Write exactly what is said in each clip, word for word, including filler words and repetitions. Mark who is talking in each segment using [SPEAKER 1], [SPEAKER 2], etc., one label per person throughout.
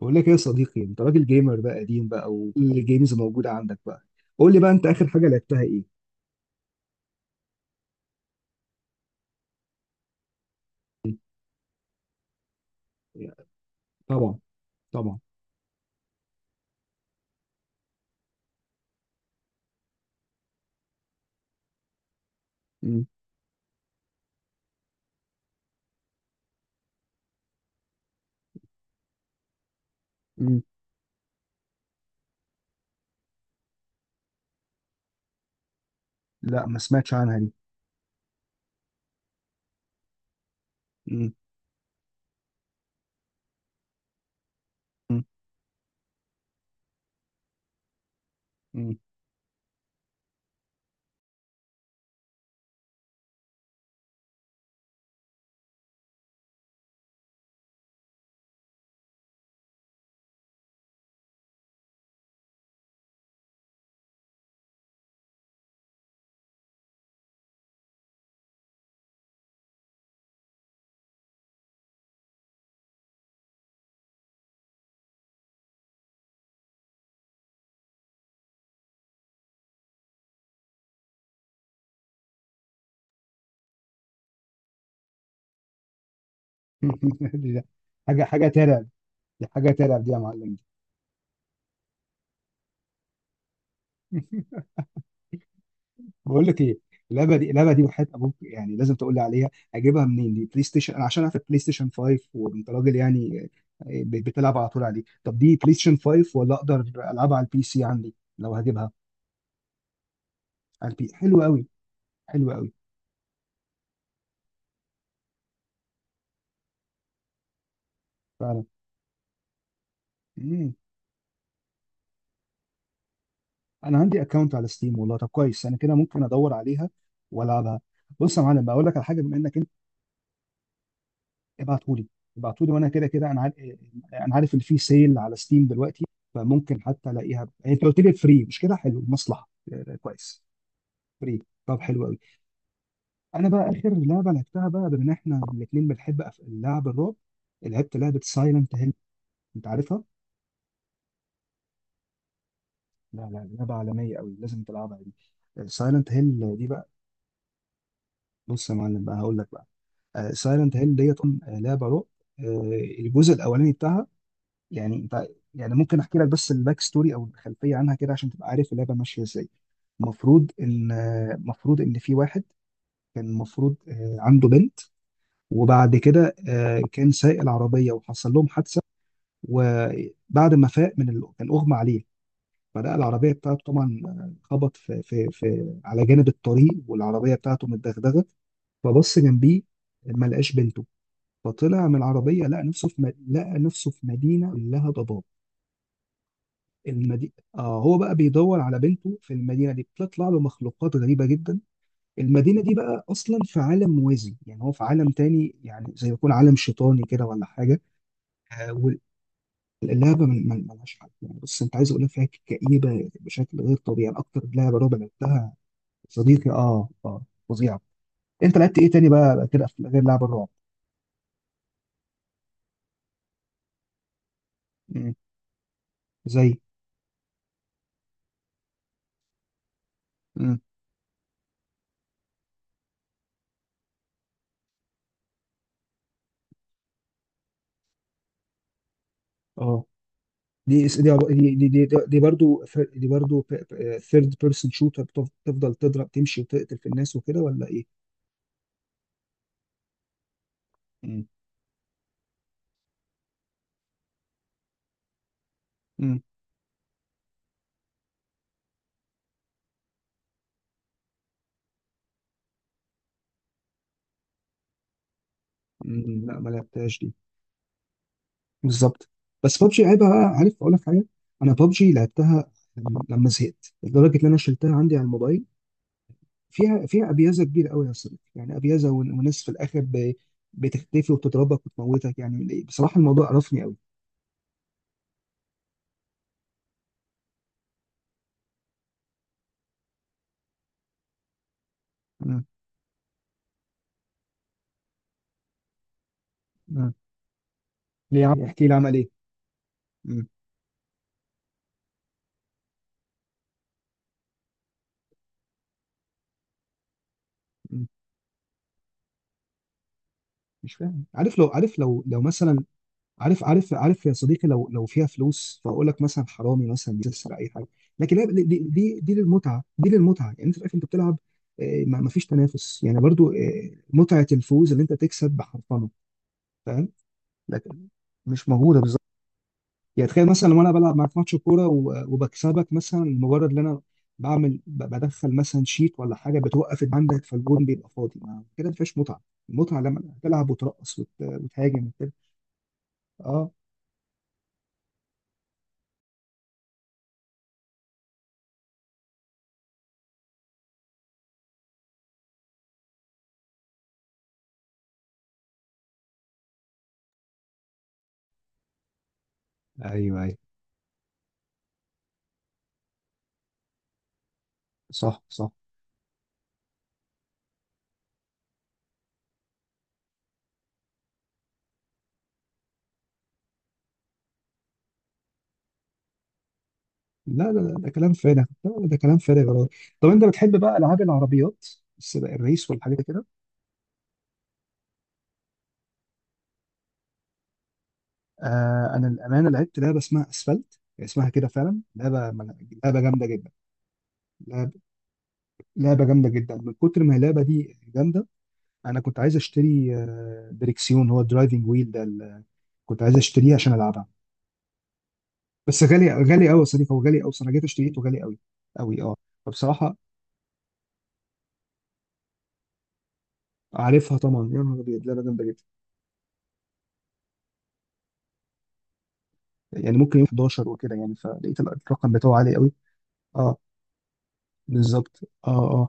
[SPEAKER 1] بقول لك ايه يا صديقي، انت راجل جيمر بقى قديم بقى، وكل الجيمز موجوده عندك بقى. قول لي بقى، انت اخر حاجه لعبتها ايه؟ طبعا. طبعا. مم. مم. لا، ما سمعتش عنها دي. مم. مم. مم. دي- دي حاجه حاجه ترعب، دي حاجه ترعب دي يا معلم. دي... بقول لك ايه، اللعبه دي، اللعبه دي وحياه ابوك يعني لازم تقول لي عليها. اجيبها منين؟ دي بلاي ستيشن؟ انا عشان عارف بلاي ستيشن خمسة وانت راجل يعني. آه، بتلعب على طول عليه. طب دي بلاي ستيشن خمسة ولا اقدر العبها على البي سي عندي لو هجيبها؟ على البي... حلو قوي. حلو قوي. فعلا. مم. انا عندي اكونت على ستيم، والله طب كويس، انا كده ممكن ادور عليها والعبها. بص يا معلم، بقول لك على حاجه، بما انك انت... ابعتهولي. ابعتهولي، وانا كده كده انا عارف. انا عارف ان في سيل على ستيم دلوقتي، فممكن حتى الاقيها يعني. انت قلت لي فري مش كده؟ حلو، مصلحه. آه، كويس. فري؟ طب حلو قوي. انا بقى اخر لعبه لعبتها بقى، بما ان احنا الاثنين بنحب أف- لعب الرعب، لعبت لعبه سايلنت هيل. انت عارفها؟ لا لا، لعبه عالميه قوي، لازم تلعبها. دي سايلنت هيل دي بقى. بص يا معلم بقى، هقول لك بقى. سايلنت هيل ديت أم- آه، لعبه رعب. آه، الجزء الاولاني بتاعها يعني انت... يعني ممكن احكي لك بس الباك ستوري او الخلفيه عنها كده عشان تبقى عارف اللعبه ماشيه ازاي. المفروض ان آه، المفروض ان في واحد كان المفروض آه، عنده بنت. وبعد كده آه، كان سايق العربيه وحصل لهم حادثه. وبعد ما فاق من ال... كان اغمى عليه، فلقى العربيه بتاعته طبعا، آه، خبط في... في... في على جانب الطريق، والعربيه بتاعته متدغدغه. فبص جنبيه، ما لقاش بنته. فطلع من العربية لقى نفسه في مد... لقى نفسه في مدينة كلها ضباب. المدينة... آه، هو بقى بيدور على بنته في المدينة دي، بتطلع له مخلوقات غريبة جدا. المدينة دي بقى أصلا في عالم موازي، يعني هو في عالم تاني، يعني زي يكون عالم شيطاني كده ولا حاجة. آه. واللعبة من- من- ملهاش حل يعني. بص، أنت عايز أقول لك، فيها كئيبة بشكل غير طبيعي، يعني أكتر لعبة رعب لعبتها صديقي. آه آه. فظيعة. أنت لعبت إيه تاني بقى كده في- غير لعبة الرعب؟ مم. زي. مم. آه. دي اس- دي دي دي دي, دي برضو ف- دي برضو ثيرد بيرسون شوتر. تفضل تضرب، تمشي وتقتل في الناس وكده ولا ايه؟ مم. مم. مم، لا ما لعبتهاش دي. بالظبط. بس بابجي عيبها بقى، عارف اقول لك حاجه، انا بابجي لعبتها لما زهقت لدرجه ان انا شلتها عندي على الموبايل. فيها فيها ابيازه كبيره قوي يا صديقي، يعني ابيازه ون- وناس في الاخر ب- بتختفي وبتضربك وتموتك، يعني بصراحه الموضوع قرفني قوي. مم. مم. ليه يا عم يعني؟ احكي لي عمل ايه. مم. مم، مش فاهم. عارف لو... عارف لو لو مثلا... عارف عارف عارف يا صديقي، لو لو فيها فلوس، فاقول لك مثلا حرامي مثلا بيسرق اي حاجه. لكن لا، دي دي دي للمتعه، دي للمتعه، يعني انت في الاخر انت بتلعب. آه، ما ما فيش تنافس يعني برضو، آه، متعه الفوز اللي انت تكسب بحرفنه. فاهم. لكن مش موجوده بالظبط. يعني تخيل مثلا لو انا بلعب معاك ماتش كوره و- وبكسبك، مثلا مجرد ان انا بعمل ب- بدخل مثلا شيت ولا حاجه، بتوقف عندك فالجون بيبقى فاضي، ما كده ما فيهاش متعه. المتعه لما تلعب وترقص وت- وتهاجم وكده. اه. ايوه ايوه. صح صح. لا لا لا، ده كلام فارغ. لا لا، ده كلام فارغ والله. طب انت بتحب بقى العاب العربيات، السباق، الريس والحاجات دي كده؟ آه، انا الامانه لعبت لعبه اسمها اسفلت، اسمها كده فعلا، لعبه... لعبه جامده جدا، لعبه... لعبه جامده جدا. من كتر ما اللعبه دي جامده، انا كنت عايز اشتري آه، دريكسيون، هو الدرايفنج ويل ده. ال- كنت عايز اشتريه عشان العبها. بس غالي، غالي قوي يا صديقي، هو غالي قوي. انا جيت اشتريته غالي قوي قوي. اه. فبصراحه... عارفها طبعا، يا نهار ابيض، لعبه جامده جدا. يعني ممكن يوم أحد عشر وكده، يعني فلقيت الرقم بتاعه عالي قوي. اه بالظبط. اه اه.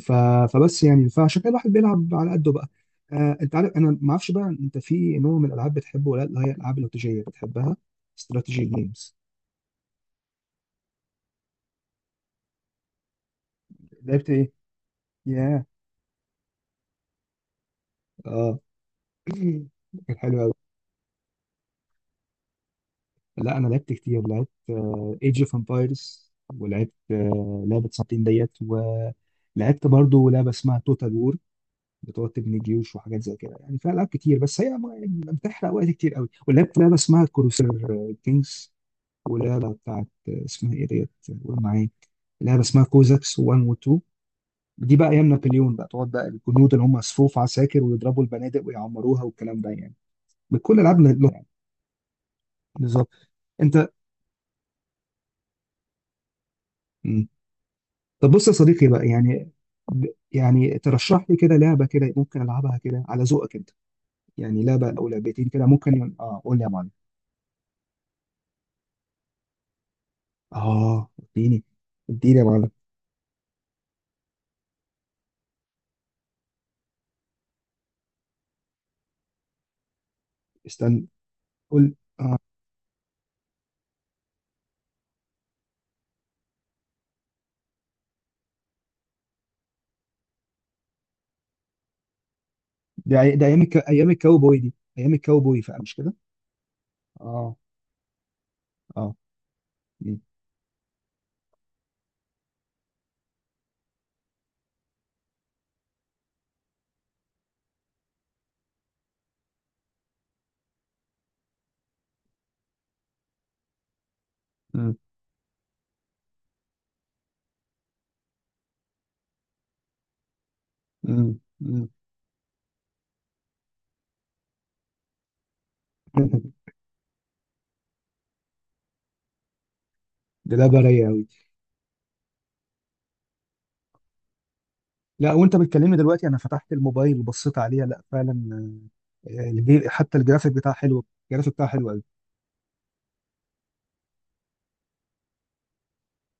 [SPEAKER 1] ف... فبس يعني، فعشان كده الواحد بيلعب على قده بقى. آه، انت عارف، انا ما اعرفش بقى انت في نوع من الالعاب بتحبه ولا لا، اللي هي الالعاب الاستراتيجيه بتحبها، استراتيجي جيمز؟ لعبت ايه؟ ياه. اه. كان حلو قوي. لا، انا لعبت كتير. لعبت ايج اوف امبايرز، ولعبت آه لعبه ساعتين ديت، ولعبت برضو لعبه اسمها توتال وور. بتقعد تبني جيوش وحاجات زي كده يعني، فيها العاب كتير بس هي ما... بتحرق وقت كتير قوي. ولعبت لعبه اسمها كروسير كينجز. ولعبة بتاعت اسمها ايه ديت؟ قول معايا. لعبة اسمها كوزاكس واحد و اتنين. دي بقى ايام نابليون بقى، تقعد بقى الجنود اللي هم صفوف عساكر ويضربوا البنادق ويعمروها والكلام ده يعني، بكل العاب له- يعني. بالظبط. انت. مم. طب بص يا صديقي بقى يعني، ب- يعني ترشح لي كده لعبة كده ممكن العبها كده على ذوقك انت. يعني لعبة او لعبتين كده ممكن، اه قول لي يا معلم. اه اديني، اديني يا معلم. استنى، قول. ده ده ايام الك... ايام الكاوبوي، دي ايام الكاوبوي فمش كده؟ اه اه. مم. مم. مم. مم. دي لا برية أوي. لا، وأنت بتكلمني دلوقتي أنا فتحت الموبايل وبصيت عليها، لا فعلا. آه، الجي- حتى الجرافيك بتاعها حلو. الجرافيك بتاعها حلو أوي.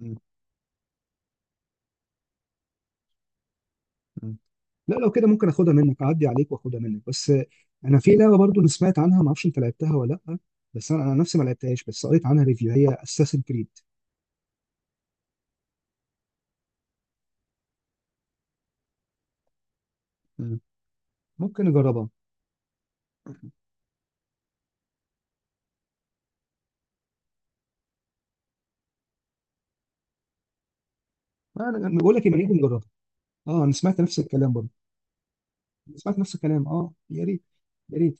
[SPEAKER 1] مم. مم. لا لو كده ممكن اخدها منك، اعدي عليك واخدها منك بس. آه، انا في لعبه برضو انا سمعت عنها، ما اعرفش انت لعبتها ولا لا، بس انا انا نفسي ما لعبتهاش، بس قريت عنها ريفيو، هي اساسن كريد. ممكن نجربها. انا بقول لك ما نيجي نجربها. اه انا سمعت نفس الكلام برضو. سمعت نفس الكلام. اه يا ريت. يا ريت.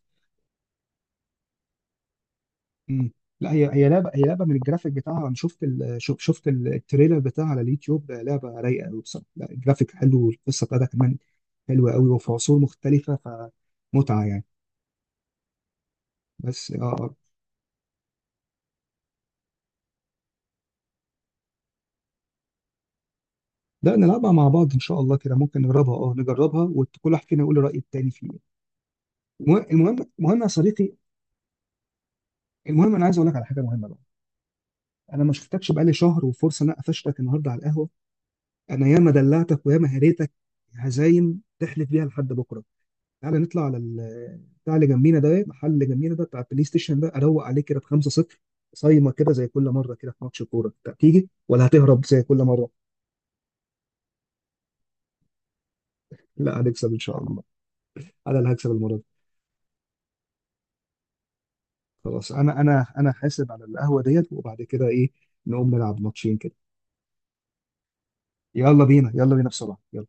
[SPEAKER 1] مم. لا هي هي لعبه، هي لعبه من الجرافيك بتاعها، انا شفت ال... شف- شفت ال- التريلر بتاعها على اليوتيوب، لعبه رايقه قوي بصراحه، لا الجرافيك حلو والقصه بتاعتها كمان حلوه قوي وفي عصور مختلفه، فمتعه يعني. بس اه آه. لا نلعبها مع بعض ان شاء الله، كده ممكن نجربها، اه نجربها وكل واحد فينا يقول الراي التاني فيه. المهم المهم المهم يا صديقي، المهم انا عايز اقول لك على حاجه مهمه بقى. انا ما شفتكش بقالي شهر، وفرصه ان انا قفشتك النهارده على القهوه. انا ياما دلعتك وياما هريتك هزايم تحلف بيها لحد بكره. تعالى نطلع على ال- بتاع اللي جنبينا ده، المحل اللي جنبينا ده بتاع البلاي ستيشن ده، اروق عليه كده بخمسة صفر. صايمة كده زي كل مرة كده في ماتش الكورة، أنت تيجي ولا هتهرب زي كل مرة؟ لا هنكسب إن شاء الله. أنا اللي هكسب المرة دي. خلاص أنا أنا أنا حاسب على القهوة ديت، وبعد كده إيه، نقوم نلعب ماتشين كده. يلا بينا، يلا بينا بسرعة، يلا.